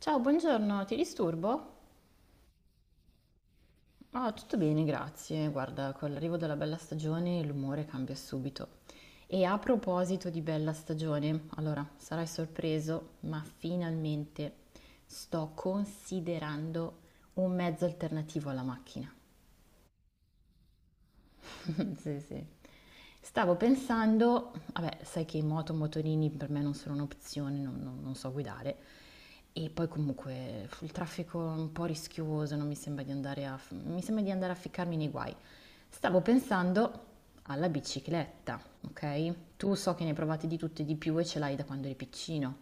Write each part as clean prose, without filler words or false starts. Ciao, buongiorno, ti disturbo? Ah, tutto bene, grazie. Guarda, con l'arrivo della bella stagione l'umore cambia subito. E a proposito di bella stagione, allora, sarai sorpreso, ma finalmente sto considerando un mezzo alternativo alla macchina. Sì, sì. Stavo pensando, vabbè, sai che moto, motorini per me non sono un'opzione, non so guidare. E poi comunque il traffico è un po' rischioso, non mi sembra di andare a, mi sembra di andare a ficcarmi nei guai. Stavo pensando alla bicicletta, ok? Tu so che ne hai provate di tutte e di più e ce l'hai da quando eri piccino.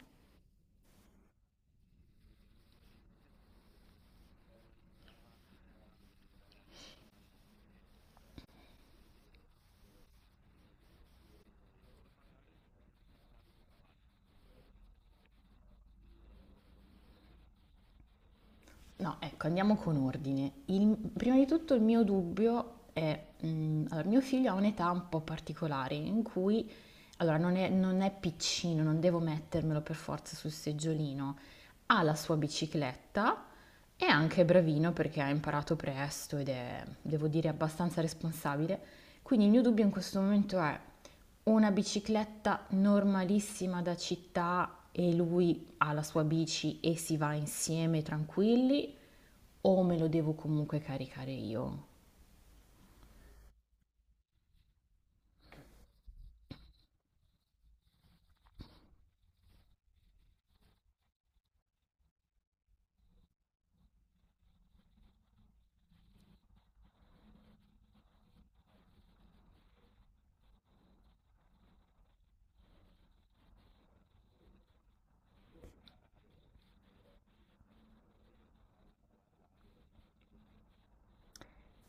No, ecco, andiamo con ordine. Prima di tutto il mio dubbio è, allora, mio figlio ha un'età un po' particolare in cui, allora, non è piccino, non devo mettermelo per forza sul seggiolino, ha la sua bicicletta, è anche bravino perché ha imparato presto ed è, devo dire, abbastanza responsabile. Quindi il mio dubbio in questo momento è una bicicletta normalissima da città e lui ha la sua bici e si va insieme tranquilli o me lo devo comunque caricare io?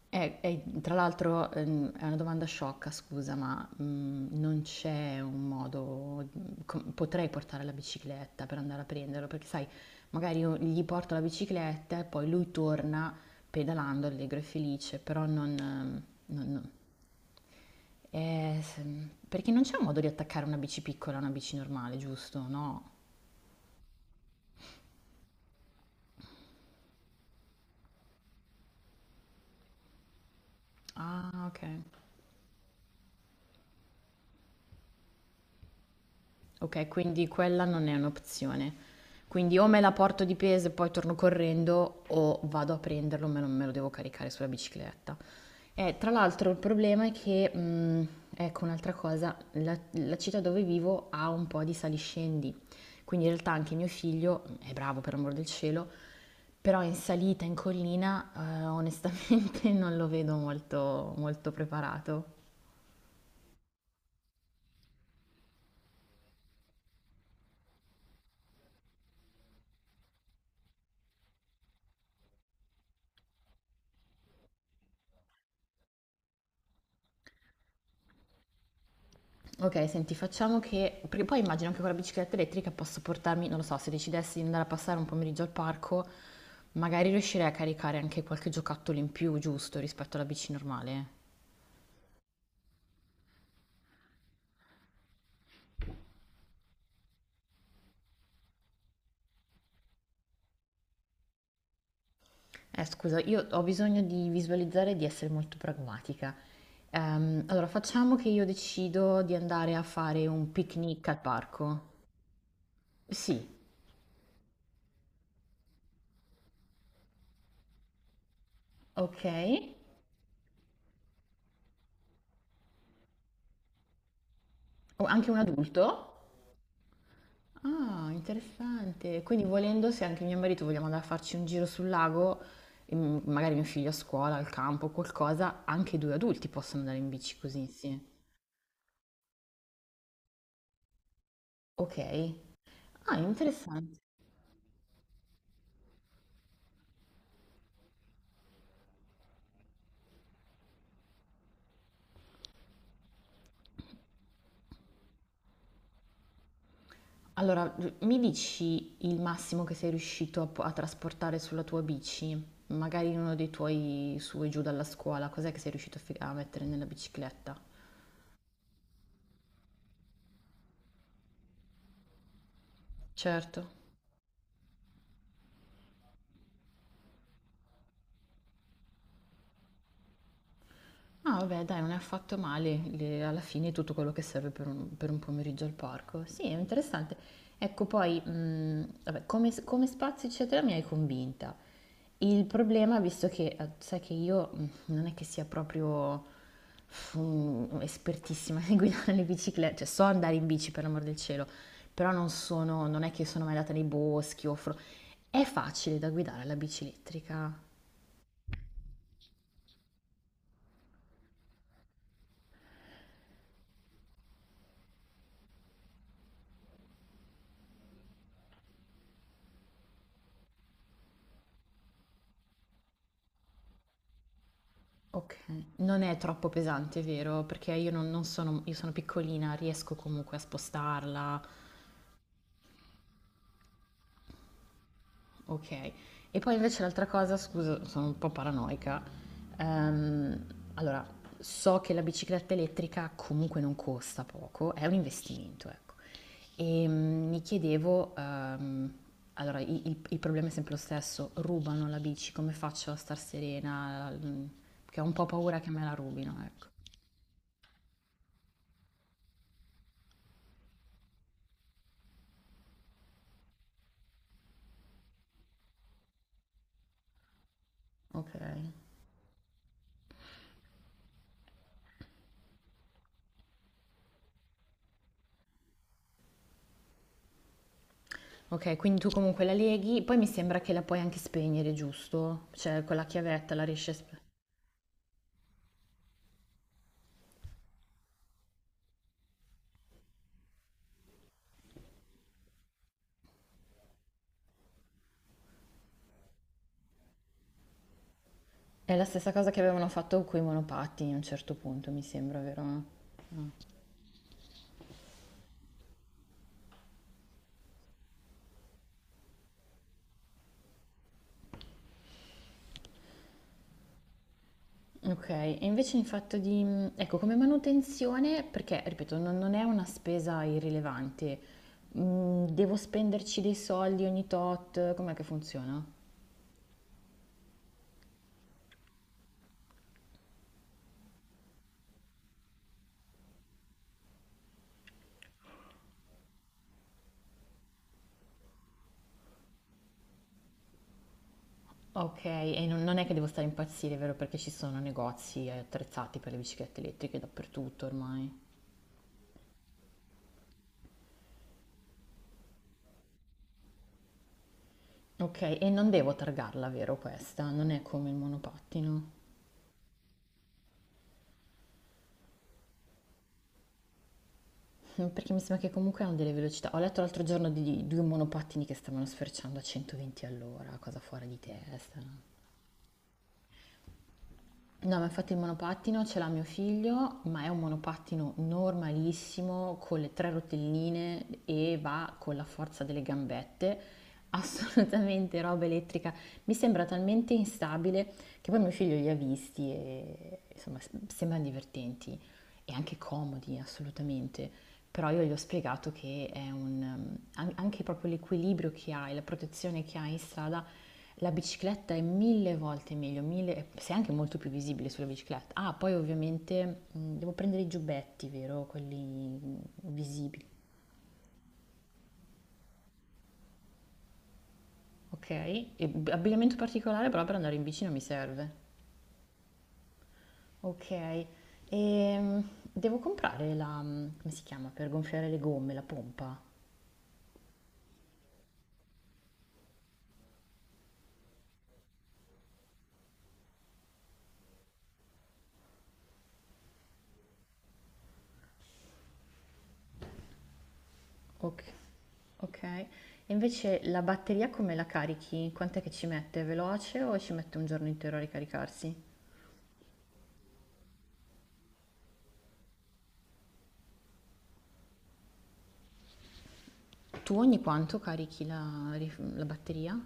Tra l'altro è una domanda sciocca, scusa, ma non c'è un modo, potrei portare la bicicletta per andare a prenderlo, perché sai, magari io gli porto la bicicletta e poi lui torna pedalando allegro e felice, però eh, s- perché non c'è un modo di attaccare una bici piccola a una bici normale, giusto? No? Ah, ok. Ok, quindi quella non è un'opzione. Quindi o me la porto di peso e poi torno correndo o vado a prenderlo, me lo devo caricare sulla bicicletta. E tra l'altro il problema è che, ecco un'altra cosa, la città dove vivo ha un po' di saliscendi, quindi in realtà anche mio figlio è bravo per amor del cielo, però in salita, in collina, onestamente non lo vedo molto preparato. Ok, senti, facciamo che... Perché poi immagino anche con la bicicletta elettrica posso portarmi, non lo so, se decidessi di andare a passare un pomeriggio al parco, magari riuscirei a caricare anche qualche giocattolo in più, giusto, rispetto alla bici normale. Scusa, io ho bisogno di visualizzare e di essere molto pragmatica. Allora, facciamo che io decido di andare a fare un picnic al parco. Sì, ok. O anche un adulto? Ah, interessante. Quindi volendo, se anche mio marito vogliamo andare a farci un giro sul lago, e magari mio figlio a scuola, al campo, qualcosa, anche i due adulti possono andare in bici così insieme. Ok. Ah, interessante. Allora, mi dici il massimo che sei riuscito a, a trasportare sulla tua bici? Magari in uno dei tuoi su e giù dalla scuola, cos'è che sei riuscito a a mettere nella bicicletta? Certo. Ah, vabbè, dai, non è affatto male. Le- alla fine è tutto quello che serve per per un pomeriggio al parco. Sì, è interessante. Ecco, poi, vabbè, come spazio, eccetera, mi hai convinta. Il problema, visto che sai che io non è che sia proprio espertissima nel guidare le biciclette, cioè so andare in bici per l'amor del cielo, però non è che sono mai andata nei boschi o è facile da guidare la bici elettrica? Okay, non è troppo pesante, vero? Perché io non non sono io sono piccolina, riesco comunque a spostarla, okay. E poi invece l'altra cosa, scusa, sono un po' paranoica, ehm, allora so che la bicicletta elettrica comunque non costa poco, è un investimento, ecco. Mi chiedevo, allora i il problema è sempre lo stesso, rubano la bici, come faccio a star serena? Mhmm, perché ho un po' paura che me la rubino, ecco. Okay. Ok, quindi tu comunque la leghi, poi mi sembra che la puoi anche spegnere, giusto? Cioè con la chiavetta la riesci a spegnere. È la stessa cosa che avevano fatto con i monopatti a un certo punto, mi sembra, vero? Ok, e invece in fatto di... Ecco, come manutenzione, perché, ripeto, non è una spesa irrilevante. Mm, devo spenderci dei soldi ogni tot, com'è che funziona? Ok, e non è che devo stare a impazzire, vero? Perché ci sono negozi attrezzati per le biciclette elettriche dappertutto ormai. Okay, e non devo targarla, vero questa? Non è come il monopattino? Perché mi sembra che comunque hanno delle velocità. Ho letto l'altro giorno di 2 monopattini che stavano sferciando a 120 all'ora, cosa fuori di testa. No, ma infatti il monopattino ce l'ha mio figlio, ma è un monopattino normalissimo con le 3 rotelline e va con la forza delle gambette. Assolutamente roba elettrica. Mi sembra talmente instabile che poi mio figlio li ha visti e insomma sembrano divertenti. E anche comodi assolutamente, però io gli ho spiegato che è un, anche proprio l'equilibrio che hai, la protezione che hai in strada, la bicicletta è mille volte meglio, mille, sei anche molto più visibile sulla bicicletta. Ah, poi ovviamente devo prendere i giubbetti, vero? Quelli mh, visibili. Ok, e abbigliamento particolare però per andare in bici non mi serve. Ok, e devo comprare come si chiama, per gonfiare le gomme, la pompa. Ok, ok. E invece la batteria come la carichi? Quant'è che ci mette? È veloce o ci mette un giorno intero a ricaricarsi? Tu ogni quanto carichi la batteria?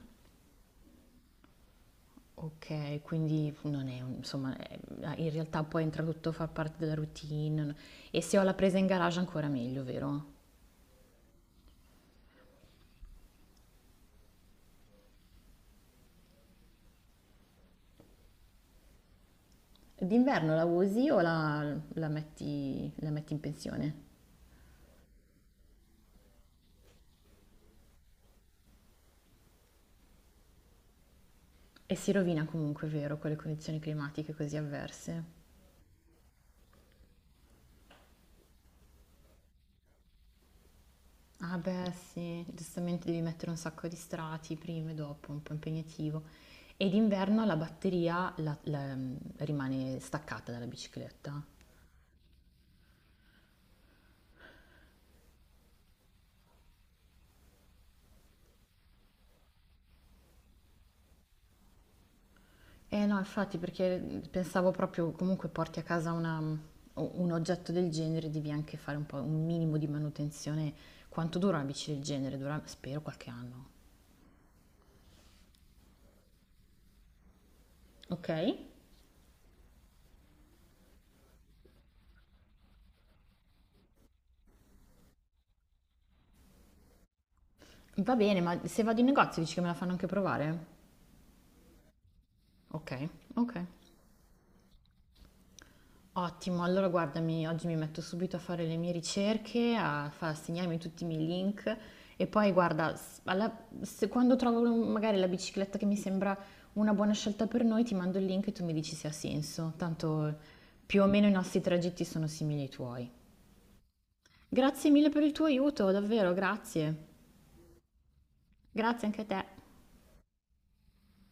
Ok, quindi non è, un- insomma, in realtà poi entra tutto a far parte della routine. E se ho la presa in garage ancora meglio, vero? D'inverno la usi o la metti in pensione? E si rovina comunque, vero, con le condizioni climatiche così avverse. Ah beh, sì, giustamente devi mettere un sacco di strati prima e dopo, un po' impegnativo. E d'inverno la batteria rimane staccata dalla bicicletta. Eh no, infatti, perché pensavo proprio comunque porti a casa un oggetto del genere, devi anche fare un po' un minimo di manutenzione. Quanto dura una bici del genere? Dura, spero, qualche anno. Ok? Va bene, ma se vado in negozio dici che me la fanno anche provare? Ok, ok. Ottimo, allora guardami, oggi mi metto subito a fare le mie ricerche, a segnarmi tutti i miei link e poi guarda, quando trovo magari la bicicletta che mi sembra una buona scelta per noi, ti mando il link e tu mi dici se ha senso. Tanto più o meno i nostri tragitti sono simili ai tuoi. Grazie mille per il tuo aiuto, davvero, grazie. Grazie anche a te.